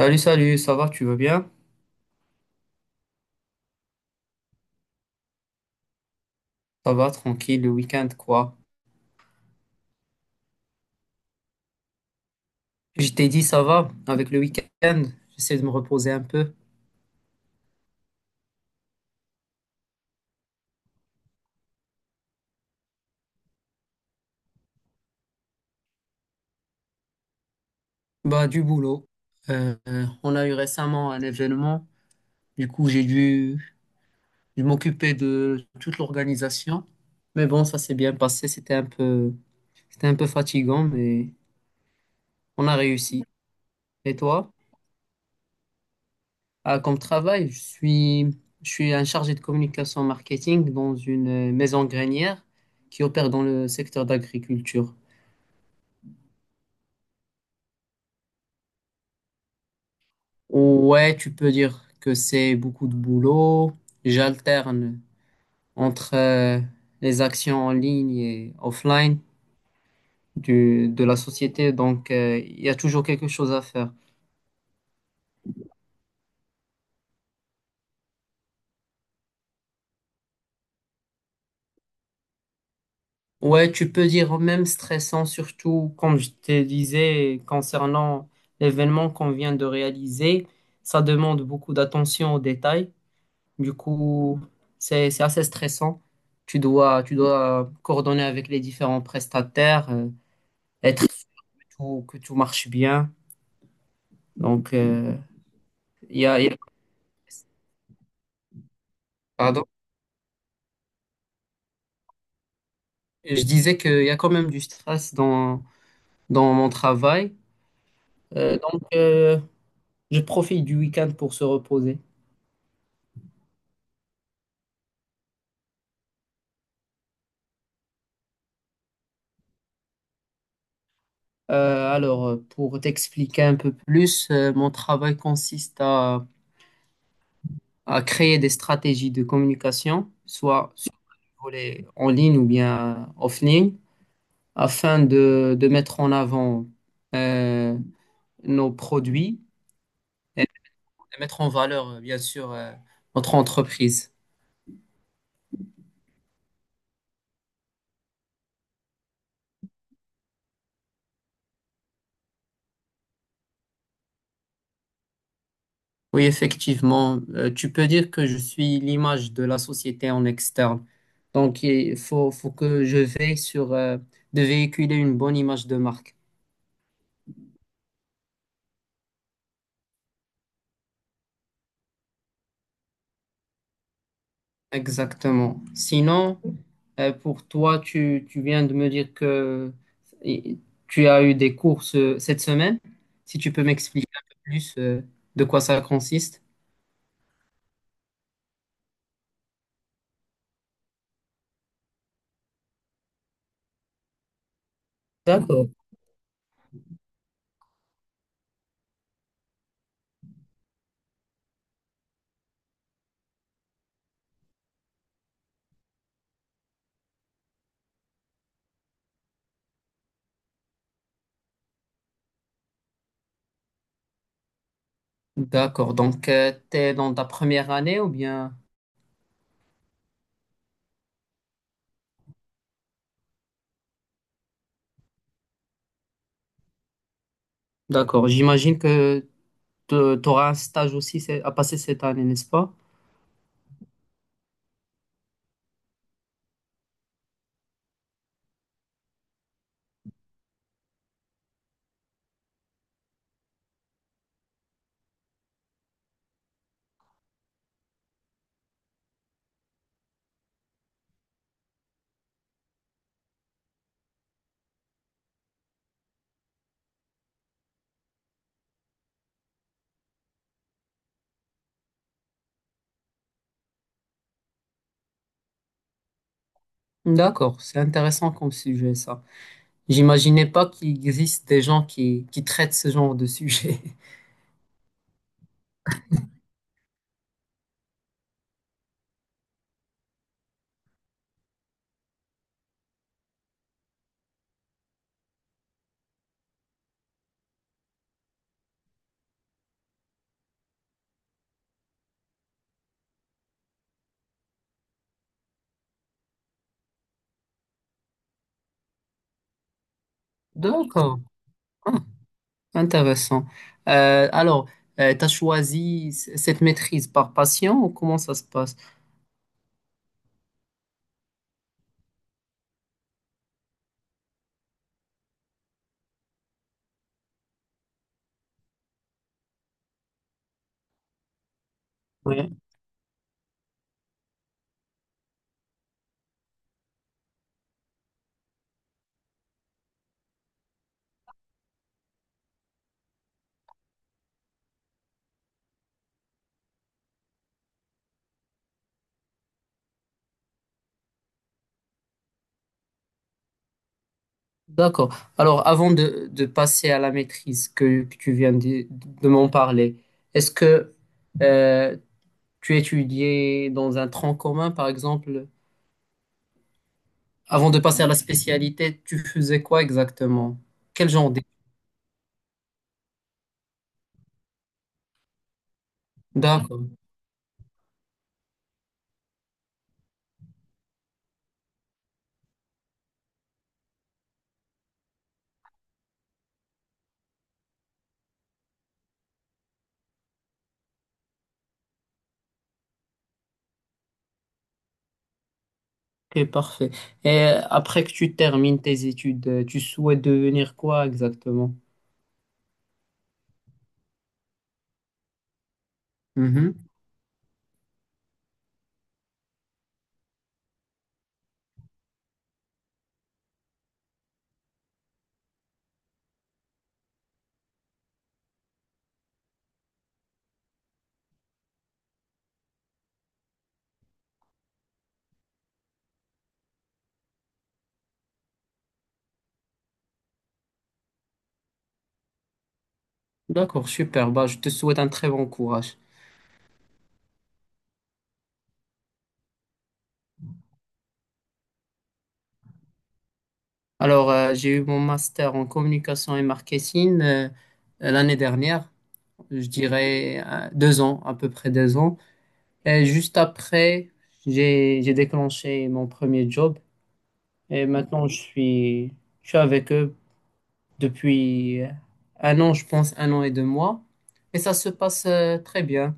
Salut, salut, ça va, tu vas bien? Ça va, tranquille, le week-end, quoi. Je t'ai dit, ça va, avec le week-end, j'essaie de me reposer un peu. Bah, du boulot. On a eu récemment un événement, du coup, j'ai dû m'occuper de toute l'organisation. Mais bon, ça s'est bien passé, c'était un peu fatigant, mais on a réussi. Et toi? Ah, comme travail, je suis un chargé de communication marketing dans une maison grainière qui opère dans le secteur d'agriculture. Ouais, tu peux dire que c'est beaucoup de boulot. J'alterne entre les actions en ligne et offline de la société, donc il y a toujours quelque chose à faire. Ouais, tu peux dire même stressant, surtout comme je te disais concernant l'événement qu'on vient de réaliser, ça demande beaucoup d'attention aux détails. Du coup, c'est assez stressant. Tu dois coordonner avec les différents prestataires. Être que tout marche bien. Donc, il y a, il y a- pardon, je disais qu'il y a quand même du stress dans mon travail. Euh, donc, euh, je profite du week-end pour se reposer. Pour t'expliquer un peu plus, mon travail consiste à créer des stratégies de communication, soit sur le volet en ligne ou bien offline, afin de mettre en avant euh, nos produits et mettre en valeur, bien sûr, notre entreprise. Oui, effectivement, tu peux dire que je suis l'image de la société en externe. Donc, faut que je veille sur de véhiculer une bonne image de marque. Exactement. Sinon, pour toi, tu viens de me dire que i- tu as eu des cours cette semaine. Si tu peux m'expliquer un peu plus de quoi ça consiste. D'accord. D'accord. Donc, tu es dans ta première année ou bien... D'accord. J'imagine que tu auras un stage aussi à passer cette année, n'est-ce pas? D'accord. C'est intéressant comme sujet, ça. J'imaginais pas qu'il existe des gens qui traitent ce genre de sujet. D'accord. Ah, intéressant. Euh, alors, tu as choisi cette maîtrise par patient ou comment ça se passe? Oui. D'accord. Alors, avant de passer à la maîtrise que tu viens de m'en parler, est-ce que euh, tu étudiais dans un tronc commun, par exemple. Avant de passer à la spécialité, tu faisais quoi exactement? Quel genre d'études? D'accord, ok, parfait. Et après que tu termines tes études, tu souhaites devenir quoi exactement? Mhm. D'accord, super. Bah, je te souhaite un très bon courage. J'ai eu mon master en communication et marketing l'année dernière, je dirais deux ans, à peu près deux ans. Et juste après, j'ai déclenché mon premier job. Et maintenant, je suis avec eux depuis un an, je pense, un an et deux mois. Et ça se passe très bien.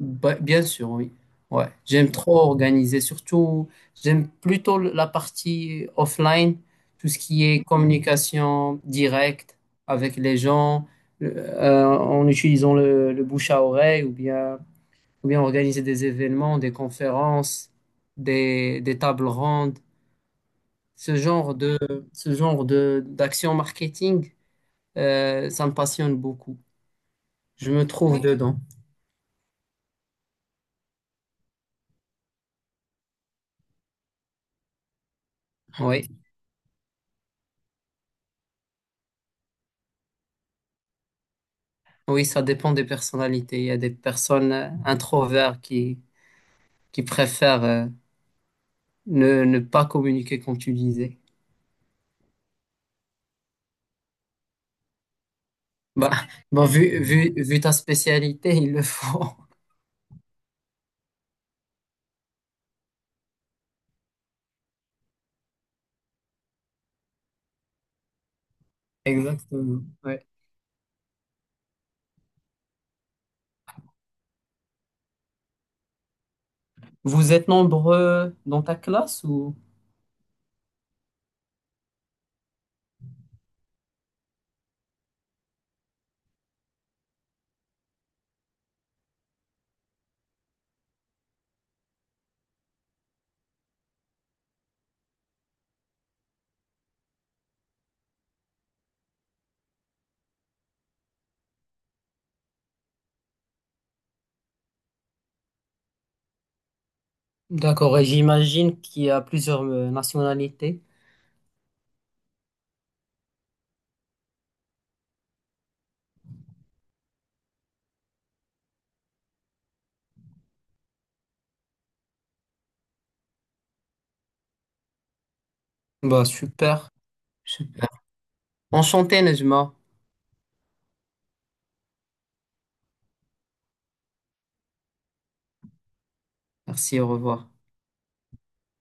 Ba- bien sûr, oui. Ouais. J'aime trop organiser. Surtout, j'aime plutôt la partie offline, tout ce qui est communication directe avec les gens, en utilisant le bouche à oreille ou bien organiser des événements, des conférences, des tables rondes. Ce genre de, ce genre de, d'action marketing, ça me passionne beaucoup. Je me trouve Oui. dedans. Oui, oui, ça dépend des personnalités. Il y a des personnes introvertes qui préfèrent ne pas communiquer, comme tu disais. Bah, bah vu ta spécialité, il le faut. Exactement. Ouais. Vous êtes nombreux dans ta classe ou? D'accord, et j'imagine qu'il y a plusieurs nationalités. Bah, super, super. Enchanté, Nejma. Merci, au revoir.